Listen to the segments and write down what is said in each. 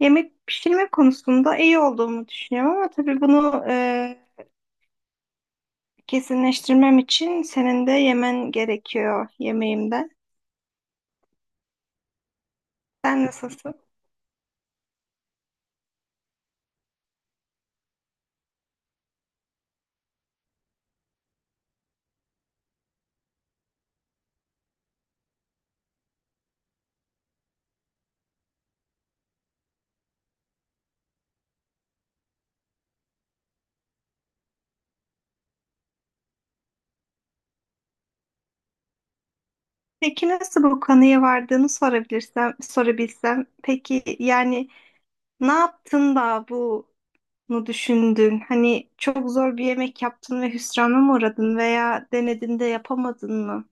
Yemek pişirme konusunda iyi olduğumu düşünüyorum ama tabii bunu kesinleştirmem için senin de yemen gerekiyor yemeğimde. Sen nasılsın? Peki nasıl bu kanıya vardığını sorabilirsem, sorabilsem. Peki yani ne yaptın da bunu düşündün? Hani çok zor bir yemek yaptın ve hüsrana mı uğradın veya denedin de yapamadın mı?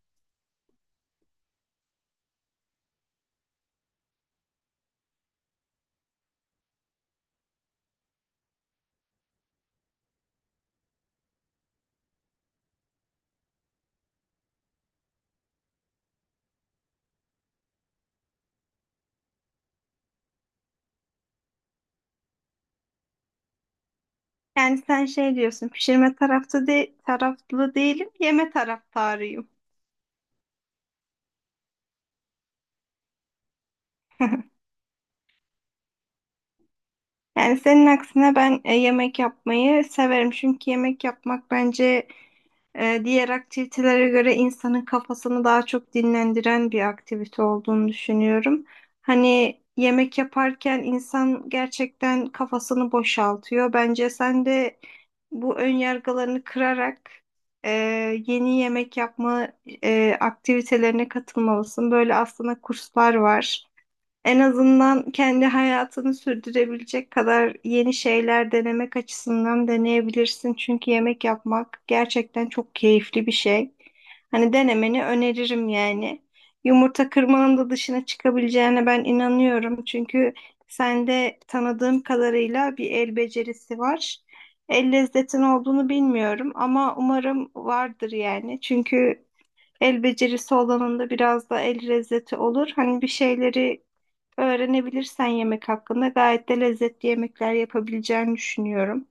Yani sen şey diyorsun, pişirme tarafta de taraflı değilim, yeme taraftarıyım. Yani senin aksine ben yemek yapmayı severim. Çünkü yemek yapmak bence diğer aktivitelere göre insanın kafasını daha çok dinlendiren bir aktivite olduğunu düşünüyorum. Hani yemek yaparken insan gerçekten kafasını boşaltıyor. Bence sen de bu ön yargılarını kırarak e, yeni yemek yapma aktivitelerine katılmalısın. Böyle aslında kurslar var. En azından kendi hayatını sürdürebilecek kadar yeni şeyler denemek açısından deneyebilirsin. Çünkü yemek yapmak gerçekten çok keyifli bir şey. Hani denemeni öneririm yani. Yumurta kırmanın da dışına çıkabileceğine ben inanıyorum. Çünkü sende tanıdığım kadarıyla bir el becerisi var. El lezzetin olduğunu bilmiyorum ama umarım vardır yani. Çünkü el becerisi olanın da biraz da el lezzeti olur. Hani bir şeyleri öğrenebilirsen yemek hakkında gayet de lezzetli yemekler yapabileceğini düşünüyorum.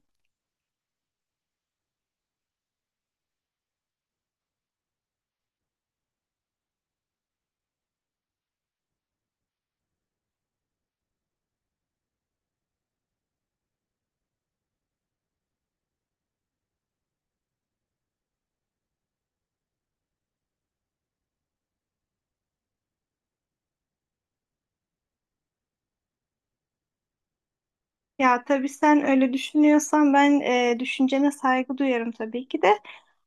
Ya tabii sen öyle düşünüyorsan ben düşüncene saygı duyarım tabii ki de.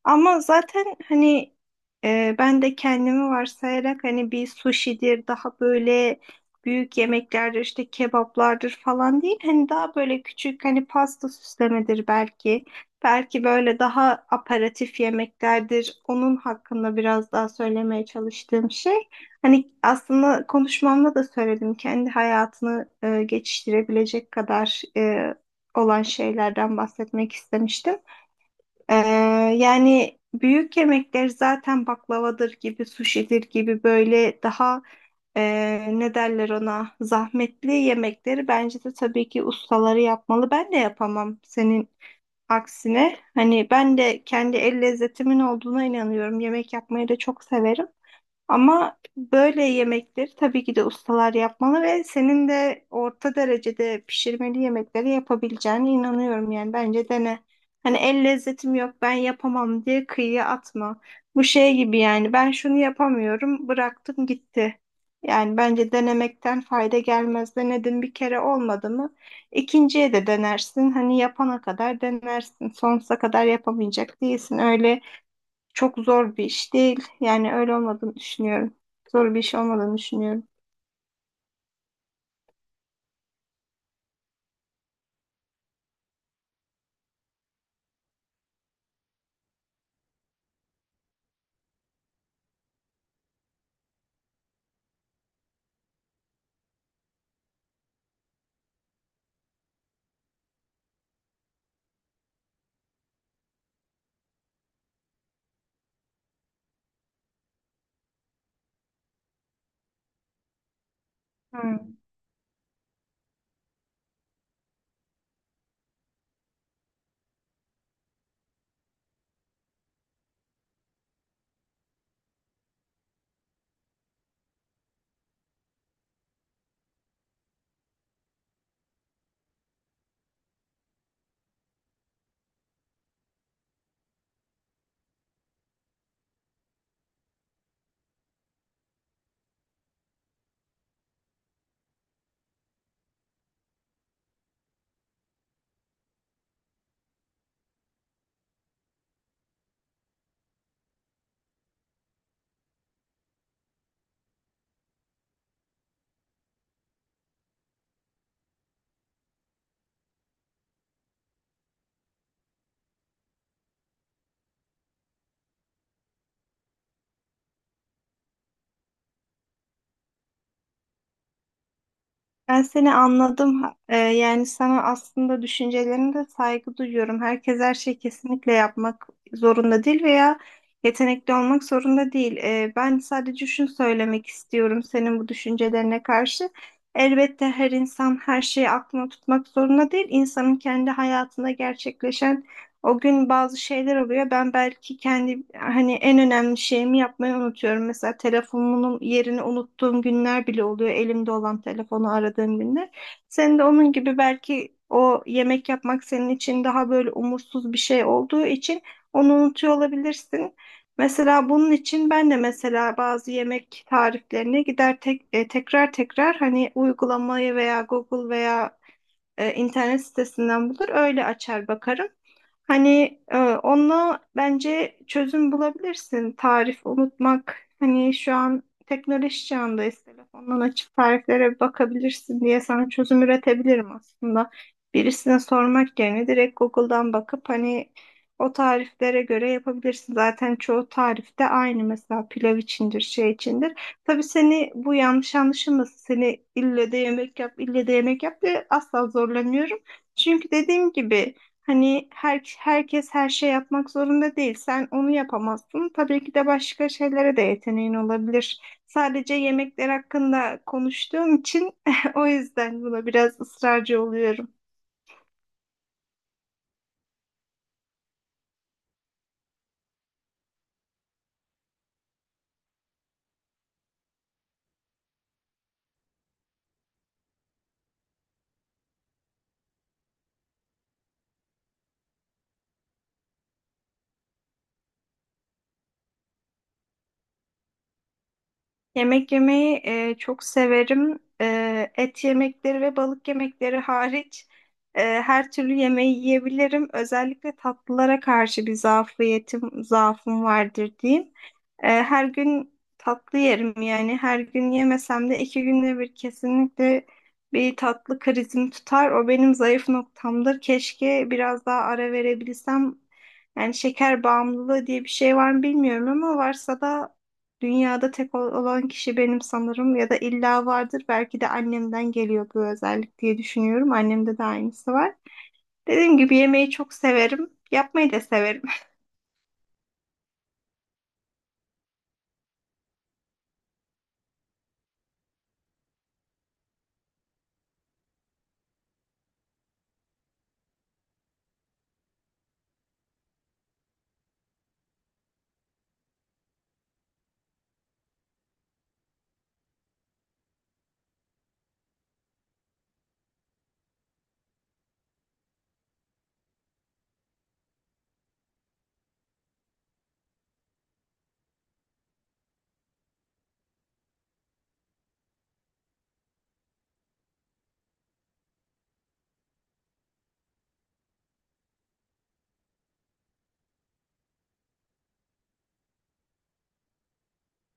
Ama zaten hani ben de kendimi varsayarak hani bir sushi'dir daha böyle büyük yemeklerdir işte kebaplardır falan değil. Hani daha böyle küçük hani pasta süslemedir belki. Belki böyle daha aperatif yemeklerdir. Onun hakkında biraz daha söylemeye çalıştığım şey. Hani aslında konuşmamda da söyledim kendi hayatını geçiştirebilecek kadar olan şeylerden bahsetmek istemiştim. E, yani büyük yemekler zaten baklavadır gibi, suşidir gibi böyle daha e, ne derler ona zahmetli yemekleri bence de tabii ki ustaları yapmalı. Ben de yapamam senin aksine. Hani ben de kendi el lezzetimin olduğuna inanıyorum. Yemek yapmayı da çok severim. Ama böyle yemekleri tabii ki de ustalar yapmalı ve senin de orta derecede pişirmeli yemekleri yapabileceğine inanıyorum yani bence dene. Hani el lezzetim yok ben yapamam diye kıyıya atma. Bu şey gibi yani ben şunu yapamıyorum bıraktım gitti. Yani bence denemekten fayda gelmez. Denedin bir kere olmadı mı? İkinciye de denersin. Hani yapana kadar denersin. Sonsuza kadar yapamayacak değilsin. Öyle çok zor bir iş değil. Yani öyle olmadığını düşünüyorum. Zor bir iş olmadığını düşünüyorum. Hmm. Ben seni anladım. Yani sana aslında düşüncelerine de saygı duyuyorum. Herkes her şeyi kesinlikle yapmak zorunda değil veya yetenekli olmak zorunda değil. Ben sadece şunu söylemek istiyorum senin bu düşüncelerine karşı. Elbette her insan her şeyi aklına tutmak zorunda değil. İnsanın kendi hayatında gerçekleşen o gün bazı şeyler oluyor. Ben belki kendi hani en önemli şeyimi yapmayı unutuyorum. Mesela telefonumun yerini unuttuğum günler bile oluyor. Elimde olan telefonu aradığım günler. Sen de onun gibi belki o yemek yapmak senin için daha böyle umursuz bir şey olduğu için onu unutuyor olabilirsin. Mesela bunun için ben de mesela bazı yemek tariflerine gider tekrar tekrar hani uygulamayı veya Google veya internet sitesinden bulur öyle açar bakarım. Hani onunla bence çözüm bulabilirsin. Tarif unutmak. Hani şu an teknoloji çağındayız. Telefondan açıp tariflere bir bakabilirsin diye sana çözüm üretebilirim aslında. Birisine sormak yerine direkt Google'dan bakıp hani o tariflere göre yapabilirsin. Zaten çoğu tarifte aynı mesela pilav içindir, şey içindir. Tabii seni bu yanlış anlaşılmasın. Seni ille de yemek yap, ille de yemek yap diye asla zorlamıyorum. Çünkü dediğim gibi hani herkes her şey yapmak zorunda değil. Sen onu yapamazsın. Tabii ki de başka şeylere de yeteneğin olabilir. Sadece yemekler hakkında konuştuğum için o yüzden buna biraz ısrarcı oluyorum. Yemek yemeyi çok severim. Et yemekleri ve balık yemekleri hariç her türlü yemeği yiyebilirim. Özellikle tatlılara karşı bir zaafım vardır diyeyim. Her gün tatlı yerim yani her gün yemesem de iki günde bir kesinlikle bir tatlı krizim tutar. O benim zayıf noktamdır. Keşke biraz daha ara verebilsem. Yani şeker bağımlılığı diye bir şey var mı bilmiyorum ama varsa da dünyada tek olan kişi benim sanırım ya da illa vardır. Belki de annemden geliyor bu özellik diye düşünüyorum. Annemde de aynısı var. Dediğim gibi yemeği çok severim. Yapmayı da severim.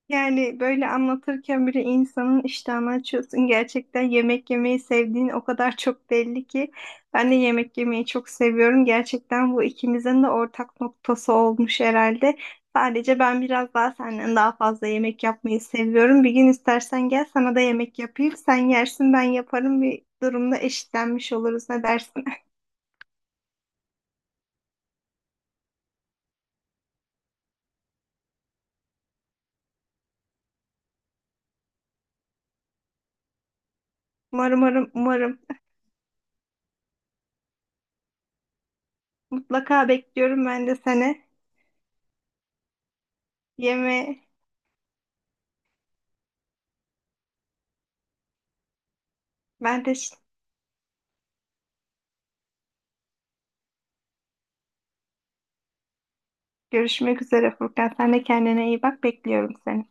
Yani böyle anlatırken bile insanın iştahını açıyorsun. Gerçekten yemek yemeyi sevdiğin o kadar çok belli ki. Ben de yemek yemeyi çok seviyorum. Gerçekten bu ikimizin de ortak noktası olmuş herhalde. Sadece ben biraz daha senden daha fazla yemek yapmayı seviyorum. Bir gün istersen gel sana da yemek yapayım. Sen yersin ben yaparım. Bir durumda eşitlenmiş oluruz. Ne dersin? Umarım, umarım, umarım. Mutlaka bekliyorum ben de seni. Yeme. Ben de. Görüşmek üzere Furkan. Sen de kendine iyi bak. Bekliyorum seni.